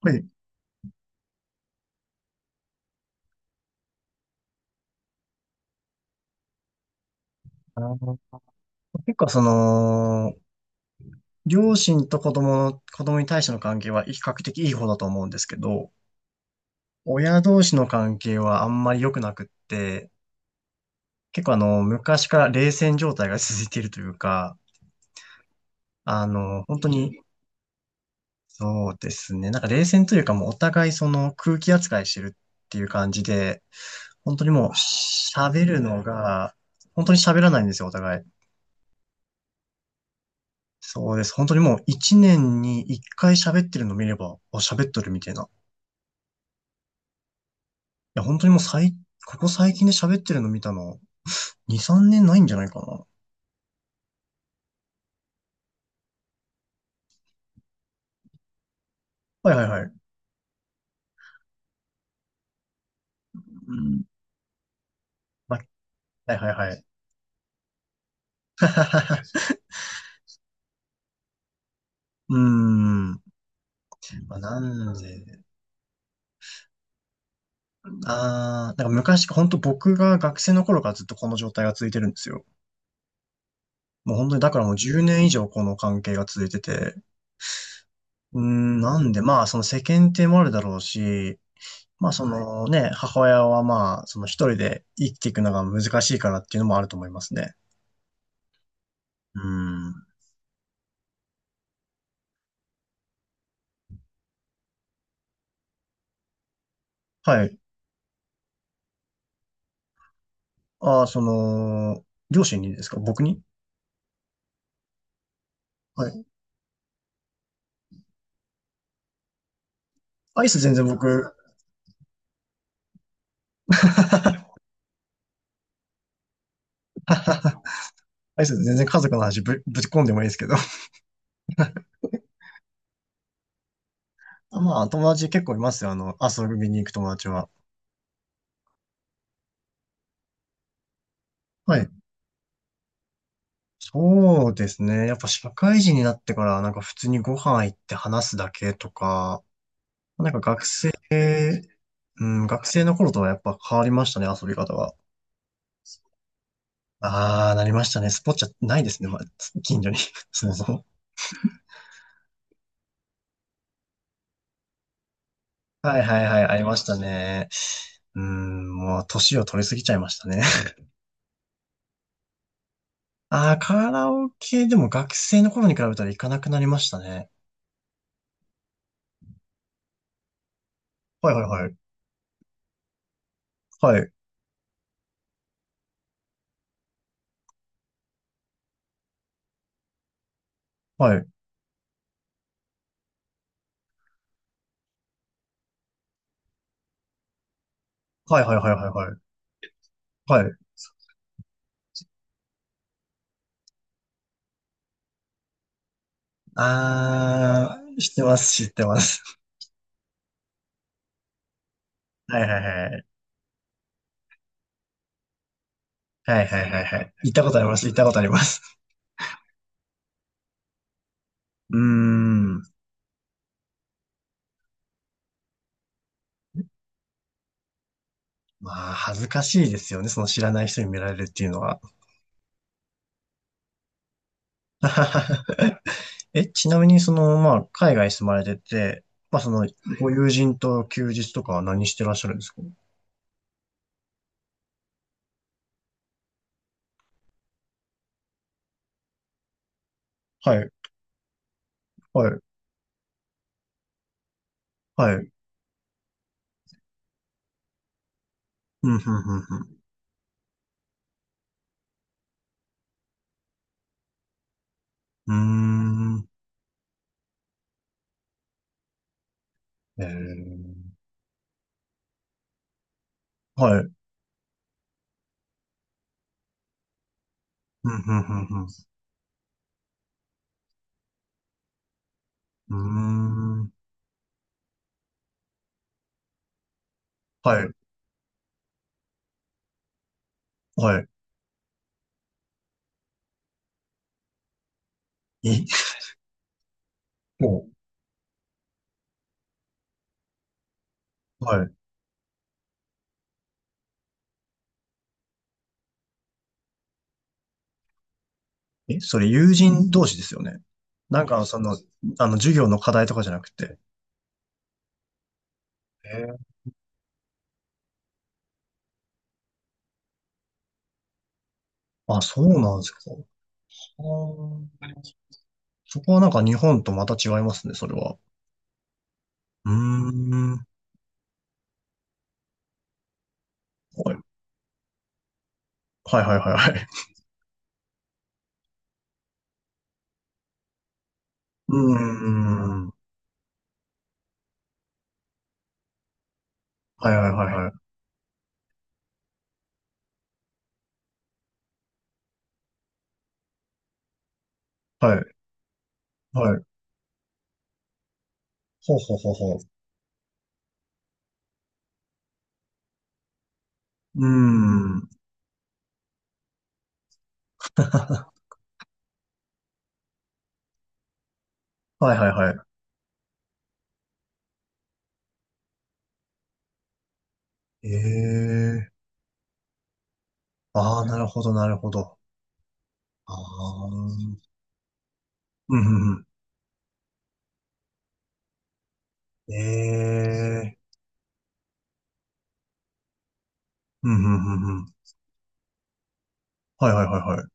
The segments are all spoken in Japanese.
はい。あの、結構両親と子供に対しての関係は比較的いい方だと思うんですけど、親同士の関係はあんまり良くなくって、結構昔から冷戦状態が続いているというか、本当に、そうですね、なんか冷戦というかもうお互いその空気扱いしてるっていう感じで、本当にもう喋るのが、本当に喋らないんですよ、お互い。そうです。本当にもう一年に一回喋ってるの見れば、あ、喋っとるみたいな。や、本当にもうここ最近で喋ってるの見たの、2、3年ないんじゃないかな。はいはいはい。うん。まはいはいはい。うーん。まあ、なんで、なんか昔、本当僕が学生の頃からずっとこの状態が続いてるんですよ。もう本当にだからもう10年以上この関係が続いてて、うーん、なんで、まあその世間体もあるだろうし、まあそはい。のね、母親はまあその一人で生きていくのが難しいからっていうのもあると思いますね。うーん。はい。ああ、その、両親にですか？僕に？はい。アイス全然僕、アイス全然家族の話ぶち込んでもいいですけど。あまあ、友達結構いますよ。あの、遊びに行く友達は。はい。そうですね。やっぱ社会人になってから、なんか普通にご飯行って話すだけとか、なんかうん、学生の頃とはやっぱ変わりましたね、遊び方が。ああ、なりましたね。スポッチャないですね、まあ、近所に。そもそも。はいはいはい、ありましたね。うーん、もう年を取りすぎちゃいましたね。ああ、カラオケでも学生の頃に比べたら行かなくなりましたね。はいはいはい。はい。はい。はいはいはいはいはい。はい。ああ、知ってます、知ってます。はいはいはい。はいはいはいはい。行ったことあります、行ったことあります。うーん。まあ、恥ずかしいですよね、その知らない人に見られるっていうのは。え、ちなみに、まあ、海外に住まれてて、まあ、はいご友人と休日とかは何してらっしゃるんですか？はい、はい、はい。うん、うん、うん、うん。うーん。えー、はい。うん、うん、うん、うん。うーん。はい、はい。え、もう、はい。え、それ友人同士ですよね。なんか、授業の課題とかじゃなくて。えー、あ、そうなんですか？あーあそこはなんか日本とまた違いますね、それは。うーん。はい。はいはいはいはい。うーん。はいはいはいはい。はい。はい。ほうほうほうほう。うーん。はいはいはい。ええああ、なるほどなるほど。ああ。うんうんうん。ええうんうんうんうん。はいはいはいはい。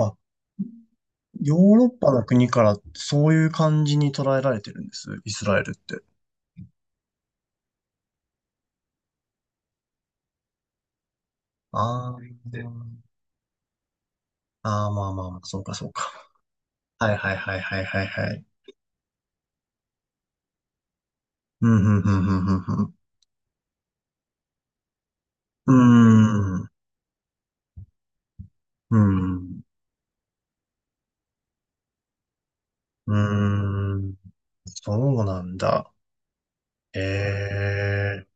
あ、ヨーロッパの国からそういう感じに捉えられてるんです。イスラエルって。ああ。ああ、まあまあまあ、そうかそうか。はいはいはいはいはいはい。うん、うん、うん、うん、うん、うん、うん、うん。そうなんだ。ええ、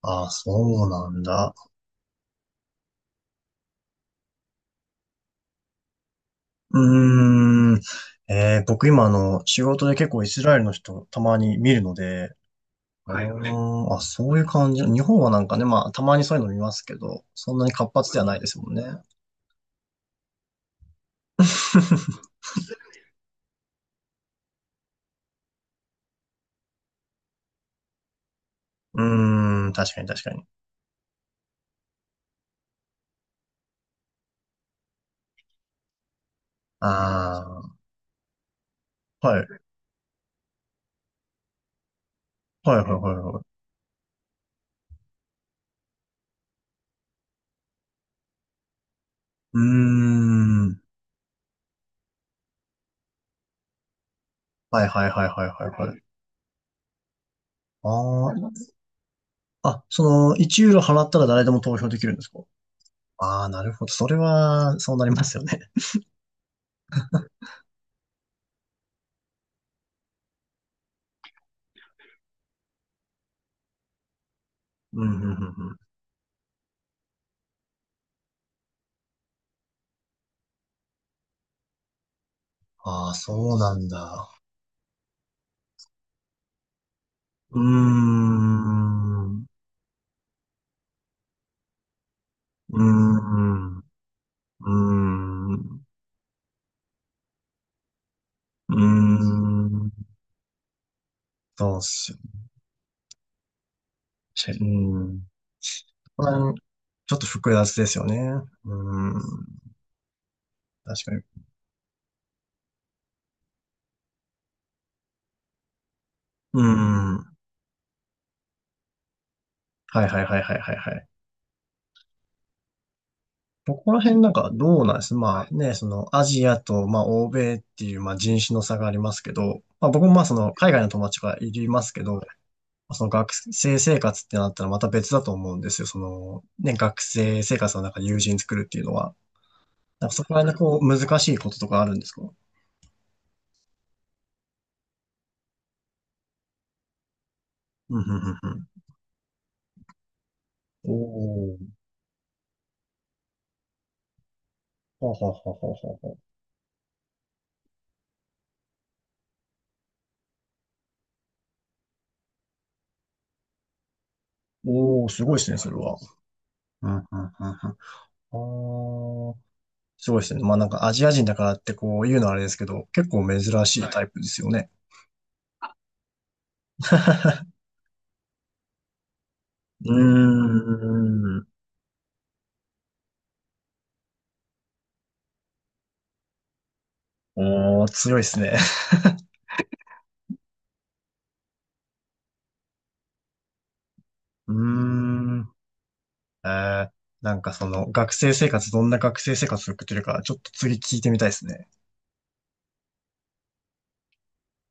あ、そうなんだ。うーん、え僕今仕事で結構イスラエルの人たまに見るので、うはい。ーん、あ、そういう感じ。日本はなんかね、まあ、たまにそういうの見ますけど、そんなに活発ではないですもんね。うーん、確かに確かに。ああ、はい、はい、はい、はい、はい。うーん。はいはいはいはいはいはい。あああ、その、1ユーロ払ったら誰でも投票できるんですか？ああー、なるほど。それは、そうなりますよね。うん、うん、うん。うんああ、そうなんだ。うーん、うーん、うーん、うーん。そうっすよね。チェうん。ここら辺ちょっと複雑ですよね。うーん、確かに。うーん。はいはいはいはいはいはい。そこら辺なんかどうなんですまあね、そのアジアとまあ欧米っていうまあ人種の差がありますけど、まあ僕もまあその海外の友達がいりますけど、その学生生活ってなったらまた別だと思うんですよ。そのね、学生生活の中で友人作るっていうのは。なんかそこら辺のこう難しいこととかあるんですか？うん、うん、うん、うん。おー。はははははは。おー、すごいですね、それは。うん、うん、うん、うん。あーすごいですね。まあなんかアジア人だからってこう言うのはあれですけど、結構珍しいはいタイプですよね。うん。うーん。おー、強いですね。うーん。えー、なんかその学生生活、どんな学生生活を送ってるか、ちょっと次聞いてみたいですね。